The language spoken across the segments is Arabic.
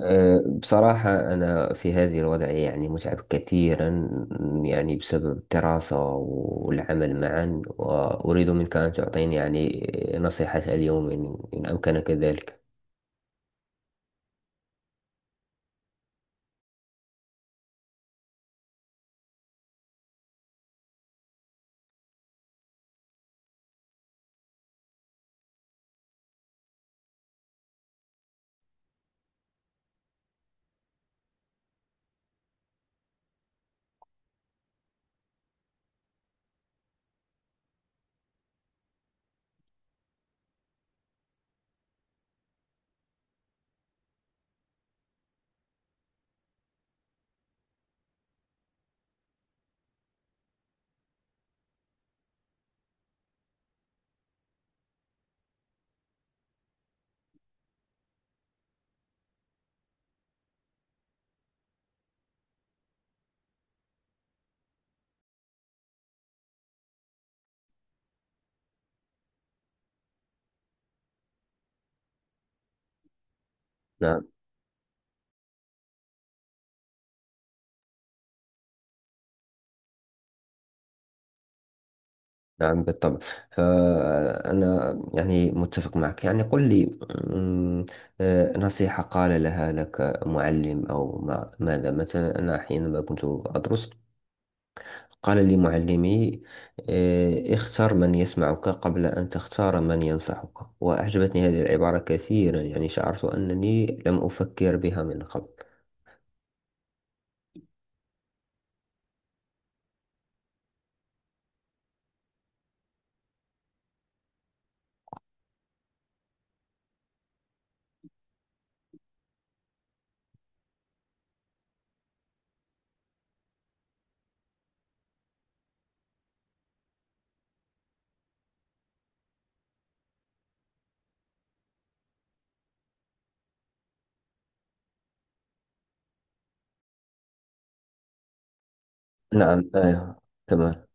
بصراحة أنا في هذه الوضعية يعني متعب كثيرا، يعني بسبب الدراسة والعمل معا، وأريد منك أن تعطيني يعني نصيحة اليوم إن أمكنك ذلك. نعم. نعم بالطبع. فأنا يعني متفق معك، يعني قل لي. أمم، نصيحة قال لها لك معلم أو ما ماذا؟ مثلا أنا حينما كنت أدرس قال لي معلمي: اختر من يسمعك قبل أن تختار من ينصحك. وأعجبتني هذه العبارة كثيرا، يعني شعرت أنني لم أفكر بها من قبل. نعم. تمام.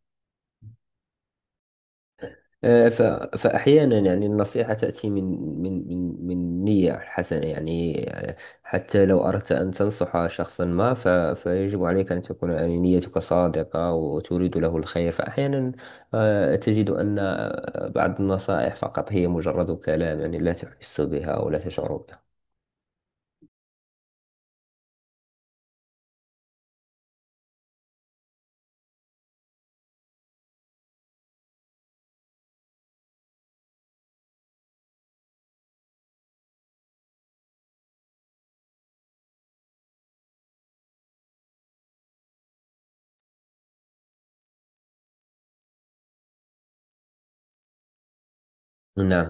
آه، ف- فأحيانا يعني النصيحة تأتي من من نية حسنة يعني. آه، حتى لو أردت أن تنصح شخصا ما فيجب عليك أن تكون يعني نيتك صادقة وتريد له الخير. فأحيانا تجد أن بعض النصائح فقط هي مجرد كلام، يعني لا تحس بها ولا تشعر بها. نعم.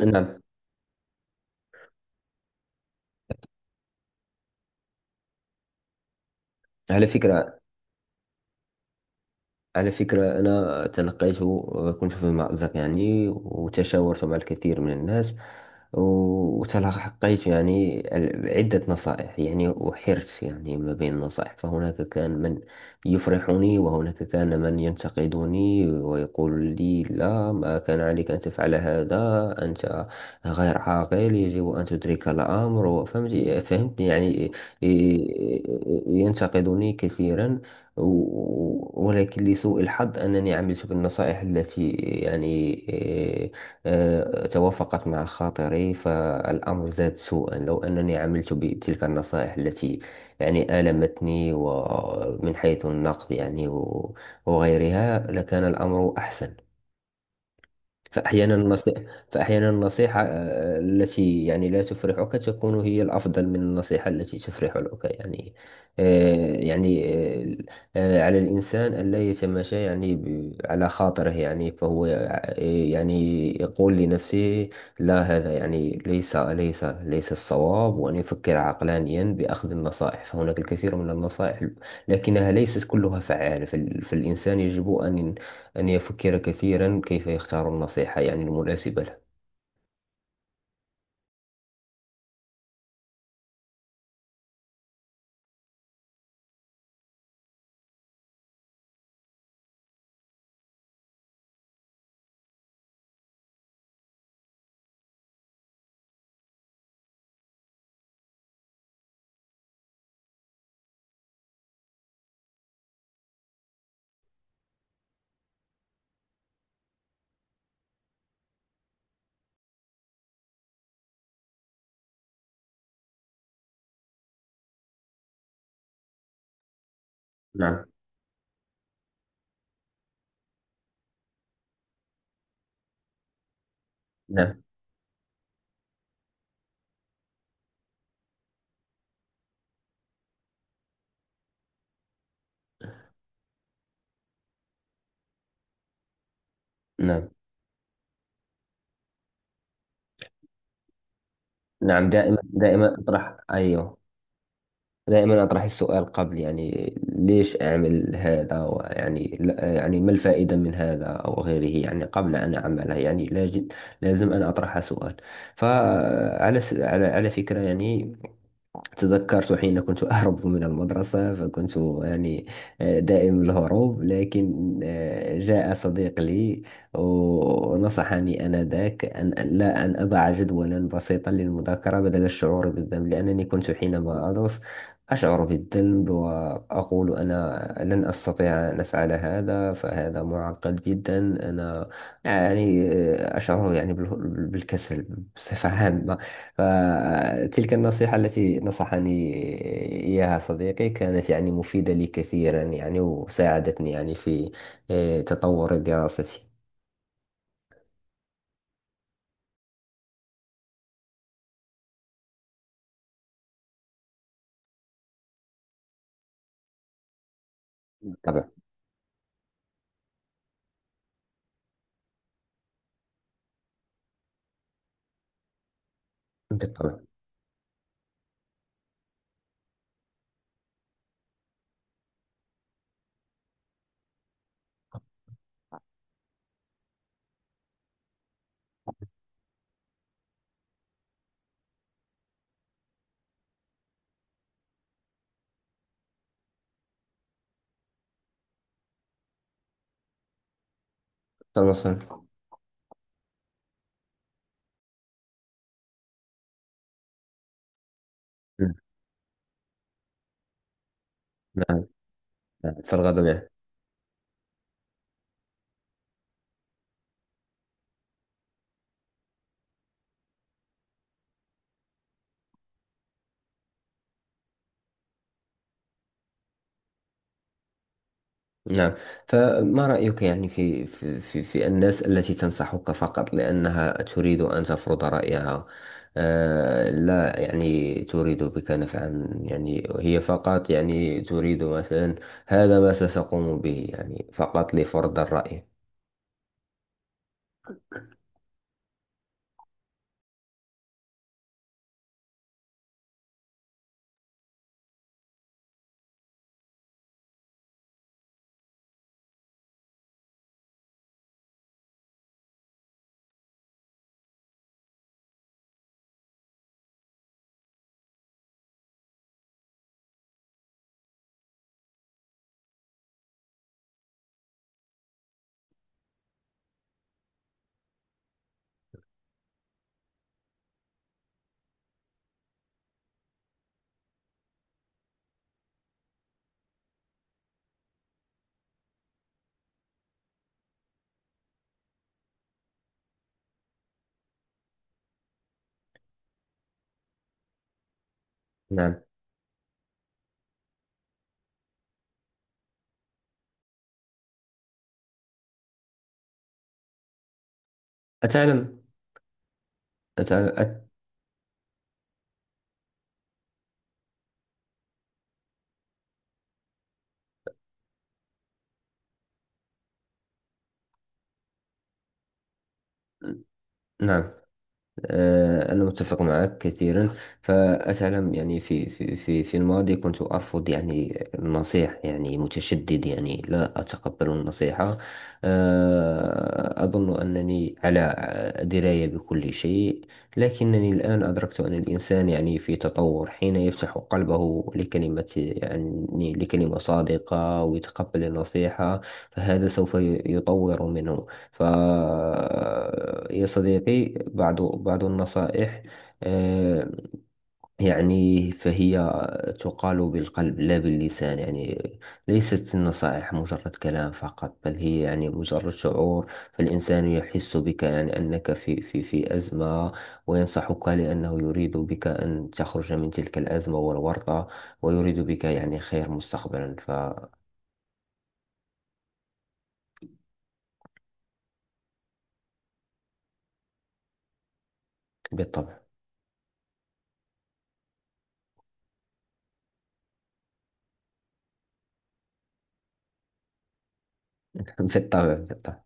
نعم. على فكرة على فكرة أنا تلقيت، كنت في مأزق يعني، وتشاورت مع الكثير من الناس، وتلقيت يعني عدة نصائح يعني، وحرت يعني ما بين النصائح. فهناك كان من يفرحني، وهناك كان من ينتقدني ويقول لي: لا، ما كان عليك أن تفعل هذا، أنت غير عاقل، يجب أن تدرك الأمر. فهمت؟ فهمت يعني ينتقدني كثيرا. ولكن لسوء الحظ أنني عملت بالنصائح التي يعني إيه، توافقت مع خاطري، فالأمر زاد سوءا. لو أنني عملت بتلك النصائح التي يعني آلمتني ومن حيث النقد يعني وغيرها، لكان الأمر أحسن. فأحيانا النصيحة فأحيانا النصيحة التي يعني لا تفرحك تكون هي الأفضل من النصيحة التي تفرحك يعني. آه، يعني آه، على الإنسان ألا يتماشى يعني على خاطره، يعني فهو يعني يقول لنفسه: لا، هذا يعني ليس الصواب، وأن يفكر عقلانيا بأخذ النصائح. فهناك الكثير من النصائح لكنها ليست كلها فعالة. فالإنسان يجب أن يفكر كثيرا كيف يختار النصيحة يعني المناسبة له. نعم. نعم. نعم. نعم، دائما أطرح، أيوه، دائما أطرح السؤال قبل، يعني ليش أعمل هذا، ويعني يعني ما الفائدة من هذا أو غيره، يعني قبل أن أعمله، يعني لاجد، لازم أن أطرح سؤال. فعلى على على فكرة يعني، تذكرت حين كنت أهرب من المدرسة، فكنت يعني دائم الهروب. لكن جاء صديق لي ونصحني آنذاك أن أن- لا أن أضع جدولا بسيطا للمذاكرة بدل الشعور بالذنب، لأنني كنت حينما أدرس أشعر بالذنب وأقول: أنا لن أستطيع أن أفعل هذا، فهذا معقد جدا. أنا يعني أشعر يعني بالكسل بصفة عامة. فتلك النصيحة التي نصحني إياها صديقي كانت يعني مفيدة لي كثيرا، يعني وساعدتني يعني في تطور دراستي. بالطبع. بالطبع. تواصل. نعم. نعم. فالغد معك. نعم. فما رأيك يعني في الناس التي تنصحك فقط لأنها تريد أن تفرض رأيها؟ آه، لا يعني تريد بك نفعا، يعني هي فقط يعني تريد مثلا هذا ما ستقوم به، يعني فقط لفرض الرأي. نعم. أتعلم أتعلم أت... نعم. أنا متفق معك كثيرا. فأتعلم يعني في الماضي كنت أرفض يعني النصيح، يعني متشدد يعني لا أتقبل النصيحة. أظن أنني على دراية بكل شيء. لكنني الآن أدركت أن الإنسان يعني في تطور حين يفتح قلبه لكلمة، يعني لكلمة صادقة، ويتقبل النصيحة، فهذا سوف يطور منه. ف يا صديقي، بعض النصائح آه، يعني فهي تقال بالقلب لا باللسان، يعني ليست النصائح مجرد كلام فقط، بل هي يعني مجرد شعور. فالإنسان يحس بك، يعني أنك في أزمة، وينصحك لأنه يريد بك أن تخرج من تلك الأزمة والورطة، ويريد بك يعني خير مستقبلا. فبالطبع. بالطبع بالطبع.